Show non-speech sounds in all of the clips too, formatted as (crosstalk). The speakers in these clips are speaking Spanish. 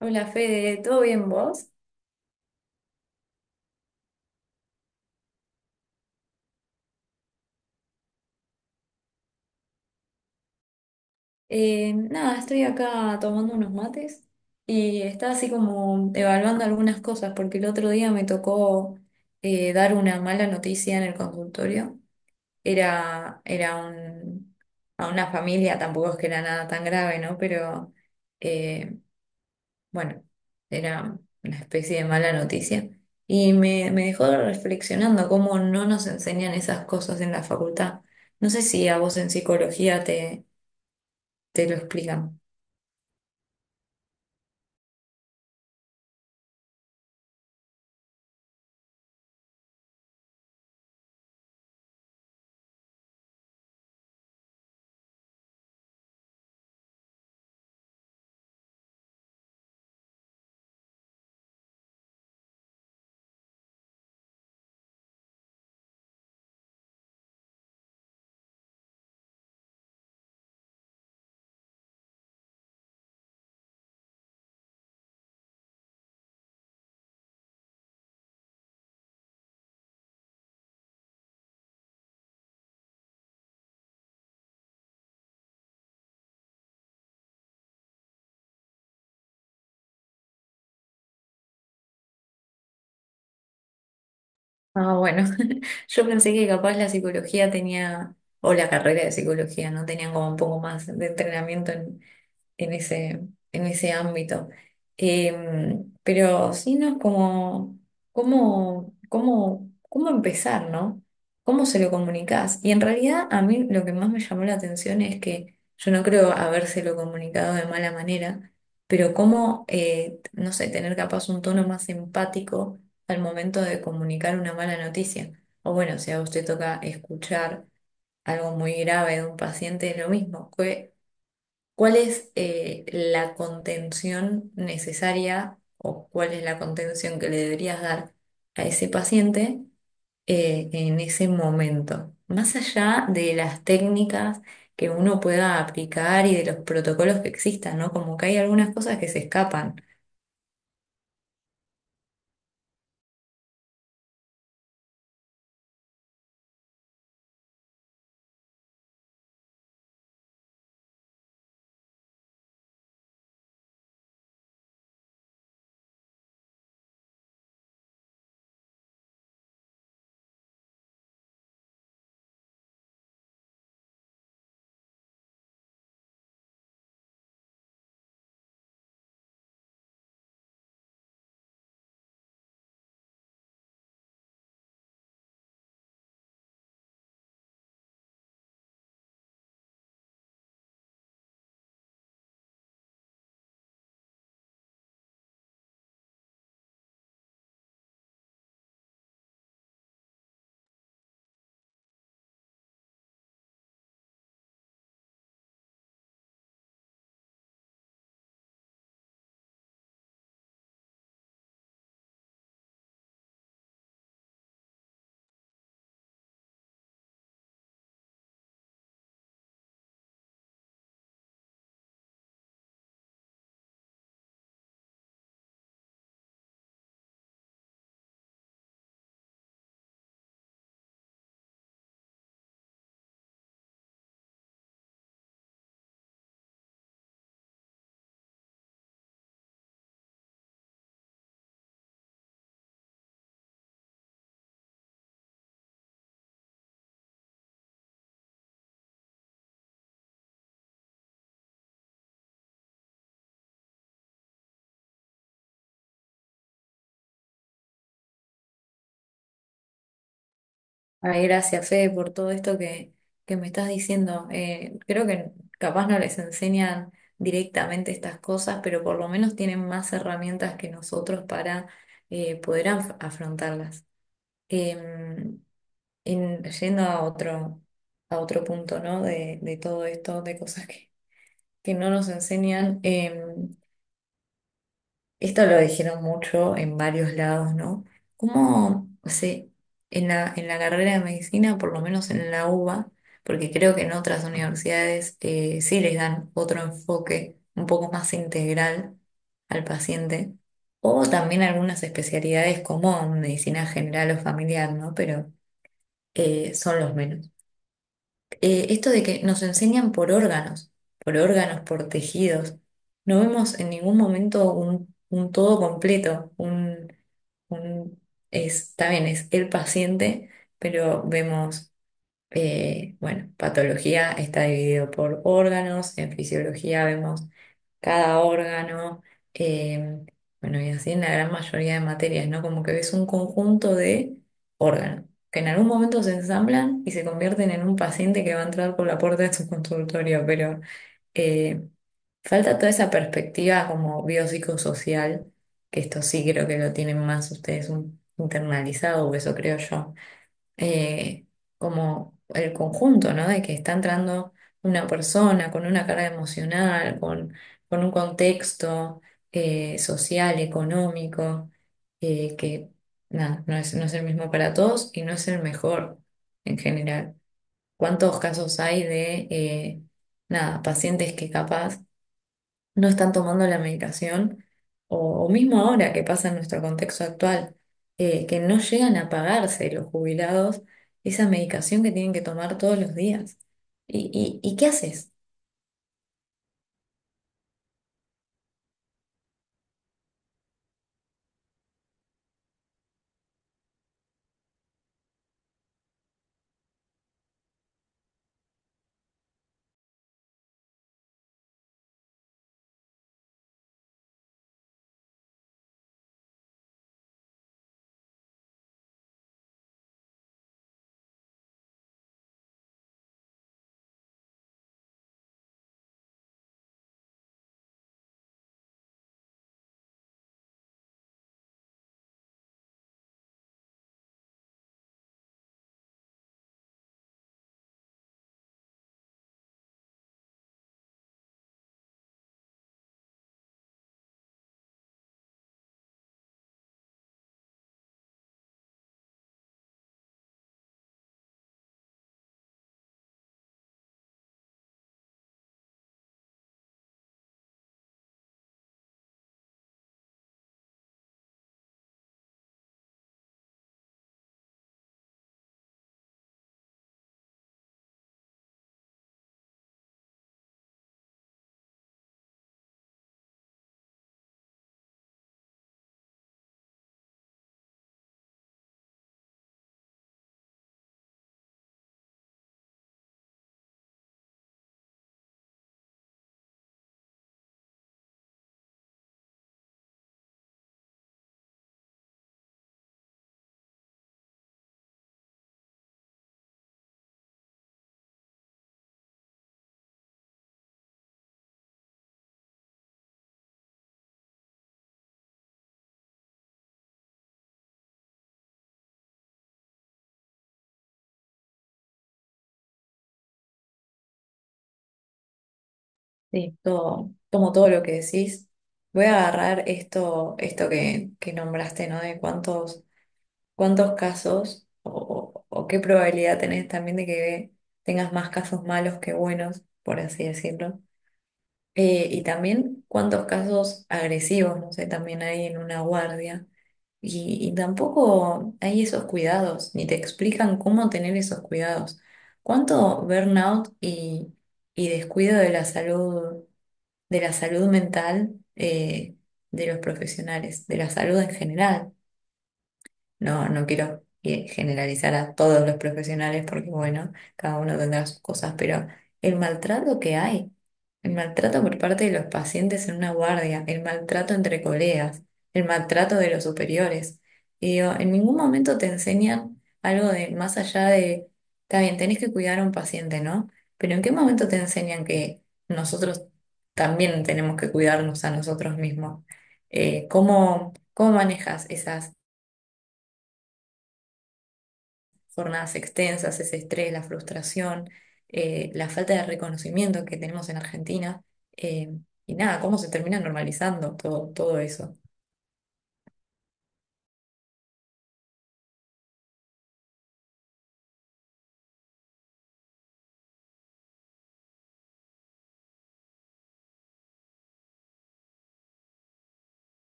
Hola Fede, ¿todo bien vos? Nada, estoy acá tomando unos mates y estaba así como evaluando algunas cosas porque el otro día me tocó dar una mala noticia en el consultorio. Era, era un- a una familia, tampoco es que era nada tan grave, ¿no? Pero eh, bueno, era una especie de mala noticia. Y me dejó reflexionando cómo no nos enseñan esas cosas en la facultad. No sé si a vos en psicología te lo explican. Ah, bueno, (laughs) yo pensé que capaz la psicología tenía, o la carrera de psicología, ¿no? Tenían como un poco más de entrenamiento en, en ese, en ese ámbito. Pero sí, ¿no? Es como, ¿cómo empezar, ¿no? ¿Cómo se lo comunicás? Y en realidad a mí lo que más me llamó la atención es que yo no creo habérselo comunicado de mala manera, pero cómo, no sé, tener capaz un tono más empático al momento de comunicar una mala noticia. O bueno, si a usted toca escuchar algo muy grave de un paciente, es lo mismo. ¿Cuál es la contención necesaria o cuál es la contención que le deberías dar a ese paciente en ese momento? Más allá de las técnicas que uno pueda aplicar y de los protocolos que existan, ¿no? Como que hay algunas cosas que se escapan. Ay, gracias, Fede, por todo esto que me estás diciendo. Creo que capaz no les enseñan directamente estas cosas, pero por lo menos tienen más herramientas que nosotros para poder afrontarlas. Em, Yendo a otro punto, ¿no? De todo esto, de cosas que no nos enseñan. Esto lo dijeron mucho en varios lados, ¿no? ¿Cómo se, en la, en la carrera de medicina, por lo menos en la UBA, porque creo que en otras universidades sí les dan otro enfoque un poco más integral al paciente, o también algunas especialidades como medicina general o familiar, ¿no? Pero son los menos. Esto de que nos enseñan por órganos, por órganos, por tejidos, no vemos en ningún momento un todo completo, un- es, está bien, es el paciente, pero vemos, bueno, patología está dividido por órganos, en fisiología vemos cada órgano, eh, bueno, y así en la gran mayoría de materias, ¿no? Como que ves un conjunto de órganos que en algún momento se ensamblan y se convierten en un paciente que va a entrar por la puerta de su consultorio, pero eh, falta toda esa perspectiva como biopsicosocial, que esto sí creo que lo tienen más ustedes internalizado, o eso creo yo eh, como el conjunto, ¿no? De que está entrando una persona con una carga emocional, con un contexto social, económico, que nada, no es el mismo para todos y no es el mejor en general. ¿Cuántos casos hay de, nada, pacientes que capaz no están tomando la medicación, o mismo ahora que pasa en nuestro contexto actual, que no llegan a pagarse los jubilados esa medicación que tienen que tomar todos los días. Y qué haces? Sí, tomo todo lo que decís. Voy a agarrar esto, esto que nombraste, ¿no? De cuántos, cuántos casos o qué probabilidad tenés también de que tengas más casos malos que buenos, por así decirlo. Y también cuántos casos agresivos, no sé, también hay en una guardia. Y tampoco hay esos cuidados, ni te explican cómo tener esos cuidados. ¿Cuánto burnout y descuido de la salud mental de los profesionales, de la salud en general? No quiero generalizar a todos los profesionales porque, bueno, cada uno tendrá sus cosas, pero el maltrato que hay, el maltrato por parte de los pacientes en una guardia, el maltrato entre colegas, el maltrato de los superiores. Y digo, en ningún momento te enseñan algo de más allá de, está bien, tenés que cuidar a un paciente, ¿no? Pero ¿en qué momento te enseñan que nosotros también tenemos que cuidarnos a nosotros mismos? ¿Cómo cómo manejas esas jornadas extensas, ese estrés, la frustración, la falta de reconocimiento que tenemos en Argentina. eh, y nada, cómo se termina normalizando todo, todo eso.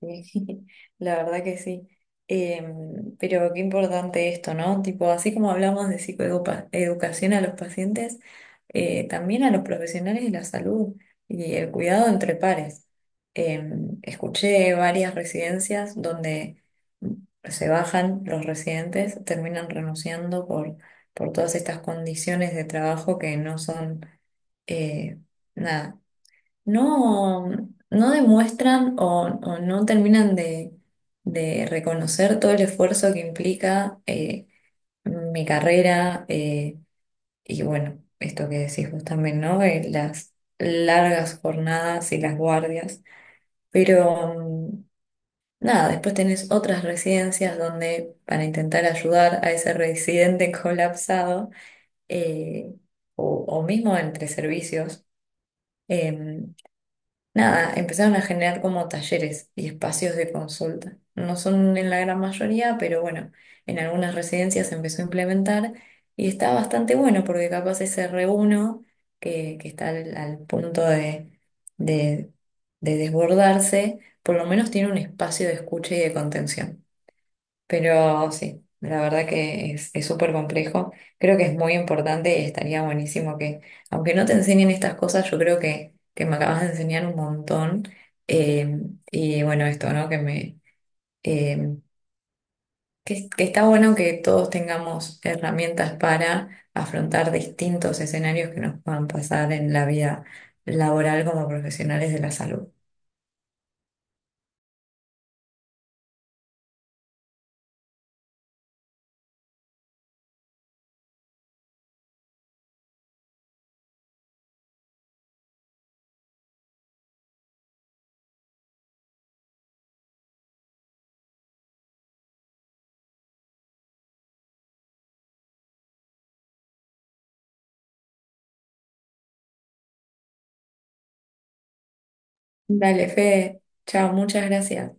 Sí, sí, (laughs) la verdad que sí. Pero qué importante esto, ¿no? Tipo, así como hablamos de psicoeducación a los pacientes, también a los profesionales de la salud y el cuidado entre pares. Escuché varias residencias donde mm, se bajan los residentes, terminan renunciando por todas estas condiciones de trabajo que no son, eh, nada, no, no demuestran o no terminan de reconocer todo el esfuerzo que implica mi carrera y bueno, esto que decís vos también, ¿no? Las largas jornadas y las guardias. Pero nada, después tenés otras residencias donde para intentar ayudar a ese residente (laughs) colapsado eh, o mismo entre servicios. em, Nada, empezaron a generar como talleres y espacios de consulta. No son en la gran mayoría, pero bueno, en algunas residencias se empezó a implementar y está bastante bueno porque capaz ese reuno que está al, al punto de, de de desbordarse, por lo menos tiene un espacio de escucha y de contención. Pero sí, la verdad que es súper complejo. Creo que es muy importante y estaría buenísimo que, aunque no te enseñen estas cosas, yo creo que me acabas de enseñar un montón. Eh, y bueno, esto, ¿no? Que me, eh, que está bueno que todos tengamos herramientas para afrontar distintos escenarios que nos puedan pasar en la vida laboral como profesionales de la salud. Dale, Fede. Chao, muchas gracias.